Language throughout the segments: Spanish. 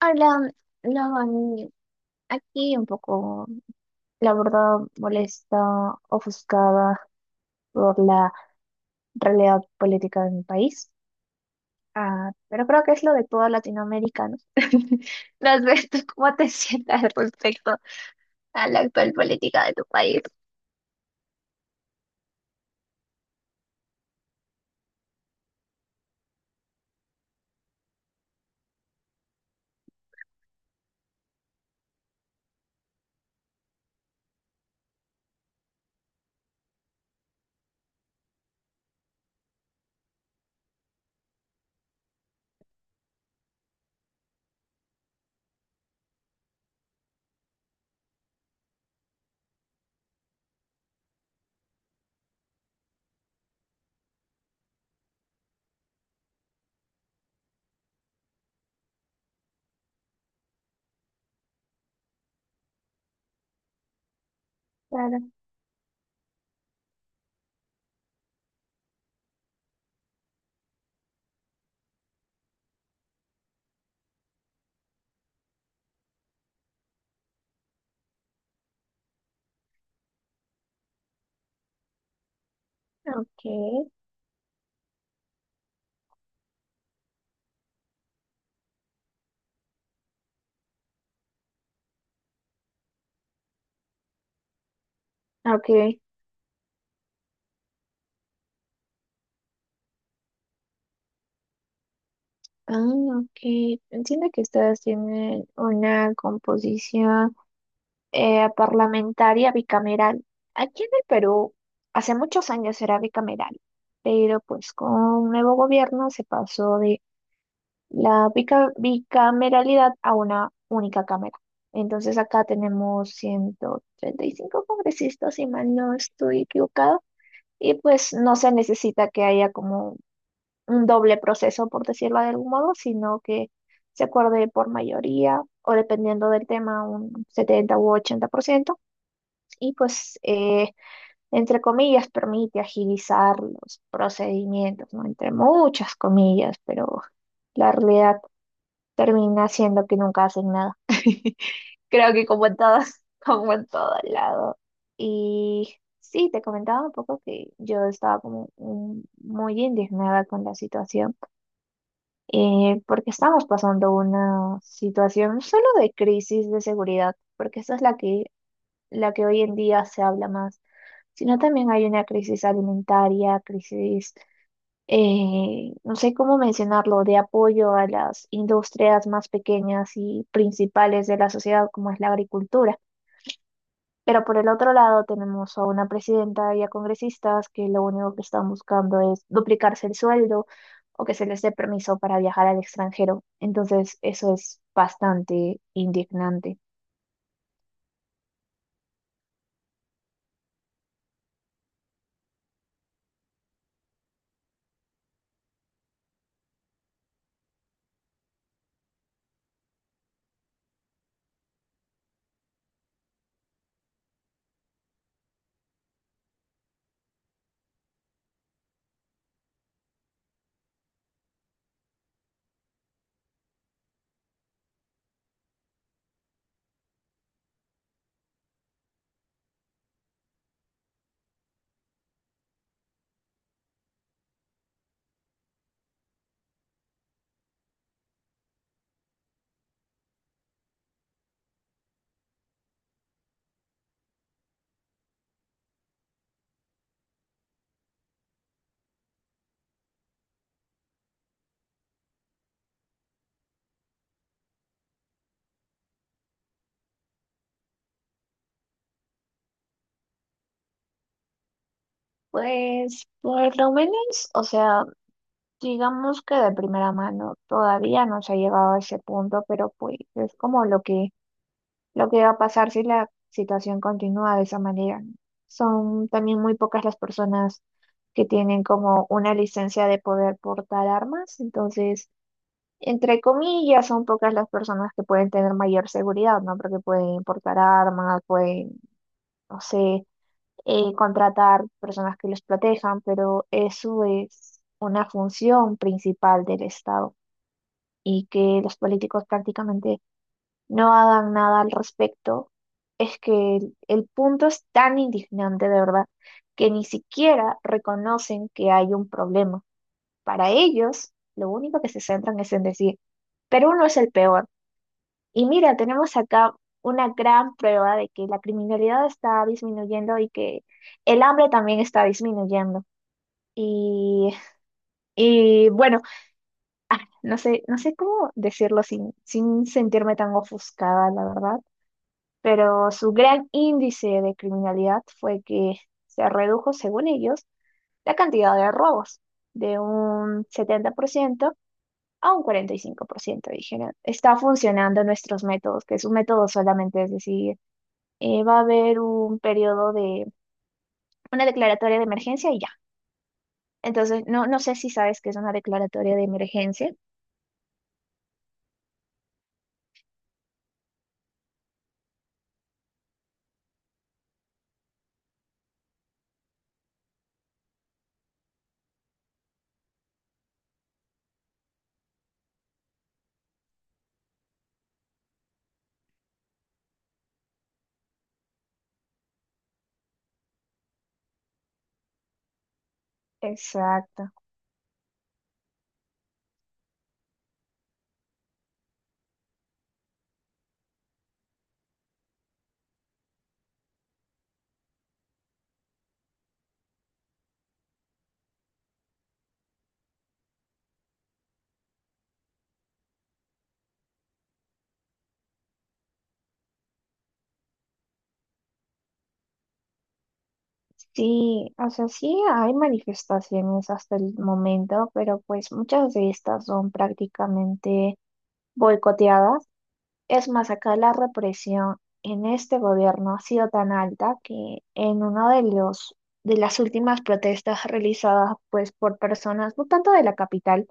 Hablan, hablan aquí un poco, la verdad, molesta, ofuscada por la realidad política de mi país. Ah, pero creo que es lo de toda Latinoamérica, ¿no? No sé tú cómo te sientas respecto a la actual política de tu país. Claro. Ok, ok. Ah, ok. Entiendo que ustedes tienen una composición, parlamentaria bicameral. Aquí en el Perú hace muchos años era bicameral, pero pues con un nuevo gobierno se pasó de la bicameralidad a una única cámara. Entonces acá tenemos 135 congresistas, si mal no estoy equivocado, y pues no se necesita que haya como un doble proceso, por decirlo de algún modo, sino que se acuerde por mayoría o dependiendo del tema, un 70 u 80% y pues, entre comillas, permite agilizar los procedimientos, ¿no? Entre muchas comillas, pero la realidad termina siendo que nunca hacen nada. Creo que como en todas, como en todo lado. Y sí, te comentaba un poco que yo estaba como muy indignada con la situación, porque estamos pasando una situación no solo de crisis de seguridad, porque esa es la que hoy en día se habla más, sino también hay una crisis alimentaria, crisis, no sé cómo mencionarlo, de apoyo a las industrias más pequeñas y principales de la sociedad, como es la agricultura. Pero por el otro lado tenemos a una presidenta y a congresistas que lo único que están buscando es duplicarse el sueldo o que se les dé permiso para viajar al extranjero. Entonces, eso es bastante indignante. Pues por lo menos, o sea, digamos que de primera mano todavía no se ha llegado a ese punto, pero pues es como lo que va a pasar si la situación continúa de esa manera, ¿no? Son también muy pocas las personas que tienen como una licencia de poder portar armas, entonces, entre comillas, son pocas las personas que pueden tener mayor seguridad, ¿no? Porque pueden portar armas, pueden, no sé, contratar personas que los protejan, pero eso es una función principal del Estado y que los políticos prácticamente no hagan nada al respecto. Es que el punto es tan indignante, de verdad, que ni siquiera reconocen que hay un problema. Para ellos, lo único que se centran es en decir, Perú no es el peor. Y mira, tenemos acá una gran prueba de que la criminalidad está disminuyendo y que el hambre también está disminuyendo. Y, y bueno, ah, no sé, cómo decirlo sin sentirme tan ofuscada, la verdad, pero su gran índice de criminalidad fue que se redujo, según ellos, la cantidad de robos de un 70% a un 45%, dijeron. Está funcionando nuestros métodos, que su método solamente es decir, va a haber un periodo de una declaratoria de emergencia y ya. Entonces, no, no sé si sabes que es una declaratoria de emergencia. Exacto. Sí, o sea, sí hay manifestaciones hasta el momento, pero pues muchas de estas son prácticamente boicoteadas. Es más, acá la represión en este gobierno ha sido tan alta que en uno de los, de las últimas protestas realizadas pues por personas, no tanto de la capital,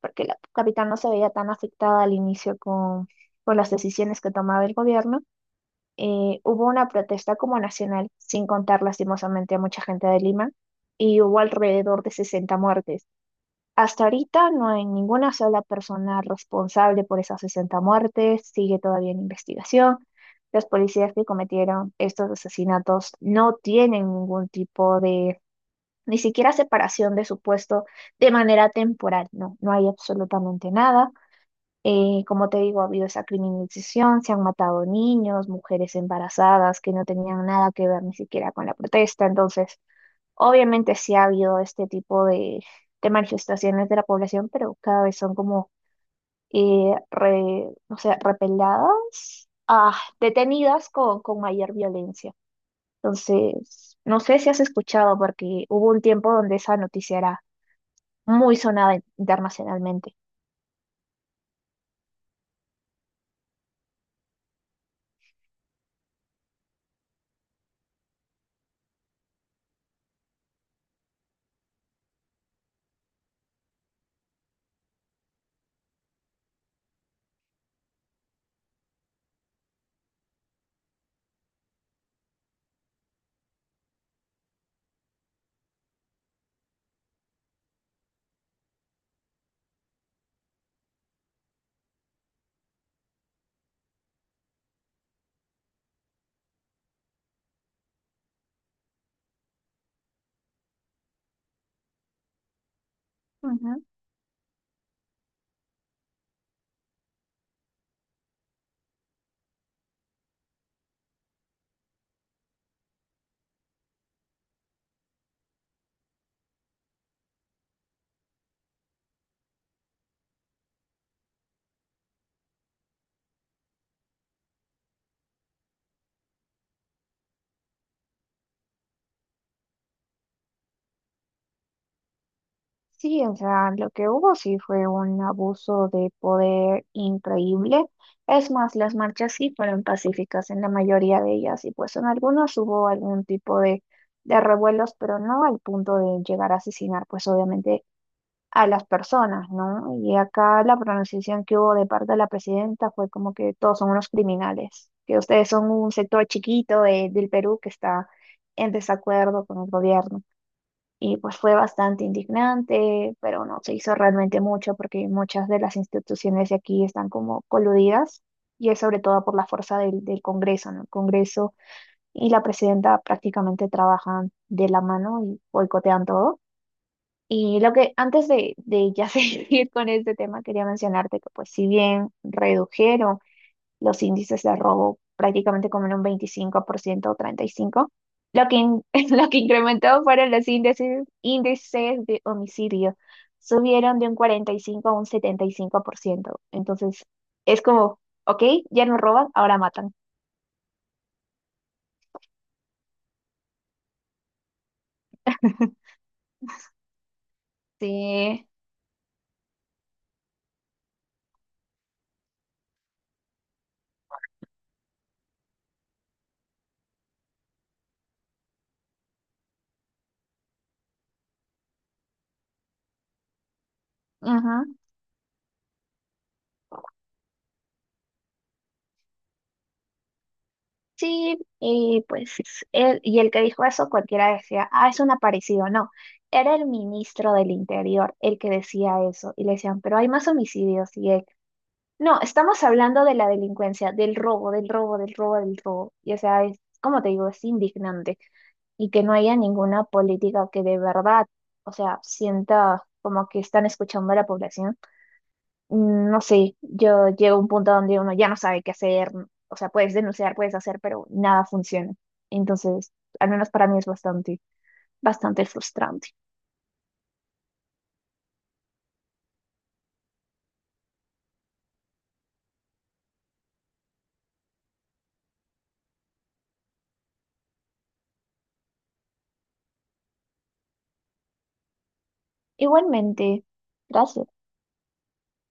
porque la capital no se veía tan afectada al inicio con las decisiones que tomaba el gobierno, hubo una protesta como nacional, sin contar lastimosamente a mucha gente de Lima, y hubo alrededor de 60 muertes. Hasta ahorita no hay ninguna sola persona responsable por esas 60 muertes, sigue todavía en investigación. Los policías que cometieron estos asesinatos no tienen ningún tipo de, ni siquiera separación de su puesto de manera temporal, no, no hay absolutamente nada. Como te digo, ha habido esa criminalización, se han matado niños, mujeres embarazadas que no tenían nada que ver ni siquiera con la protesta. Entonces, obviamente sí ha habido este tipo de manifestaciones de la población, pero cada vez son como, no sé, repeladas, ah, detenidas con mayor violencia. Entonces, no sé si has escuchado, porque hubo un tiempo donde esa noticia era muy sonada internacionalmente. Sí, o sea, lo que hubo sí fue un abuso de poder increíble. Es más, las marchas sí fueron pacíficas en la mayoría de ellas y pues en algunas hubo algún tipo de revuelos, pero no al punto de llegar a asesinar pues obviamente a las personas, ¿no? Y acá la pronunciación que hubo de parte de la presidenta fue como que todos son unos criminales, que ustedes son un sector chiquito del Perú que está en desacuerdo con el gobierno. Y pues fue bastante indignante, pero no se hizo realmente mucho porque muchas de las instituciones de aquí están como coludidas, y es sobre todo por la fuerza del Congreso, ¿no? El Congreso y la presidenta prácticamente trabajan de la mano y boicotean todo. Y lo que antes de ya seguir con este tema, quería mencionarte que pues si bien redujeron los índices de robo prácticamente como en un 25% o 35%. Lo que, in- lo que incrementó fueron los índices, índices de homicidio. Subieron de un 45 a un 75%. Entonces, es como, ok, ya no roban, ahora matan. Sí, ajá. Sí, y pues y el que dijo eso, cualquiera decía, ah, es un aparecido. No, era el ministro del Interior el que decía eso. Y le decían, pero hay más homicidios. Y él, no, estamos hablando de la delincuencia, del robo, del robo, del robo, del robo. Y o sea, es, como te digo, es indignante. Y que no haya ninguna política que de verdad, o sea, sienta como que están escuchando a la población. No sé, yo llego a un punto donde uno ya no sabe qué hacer. O sea, puedes denunciar, puedes hacer, pero nada funciona. Entonces, al menos para mí es bastante, bastante frustrante. Igualmente, gracias.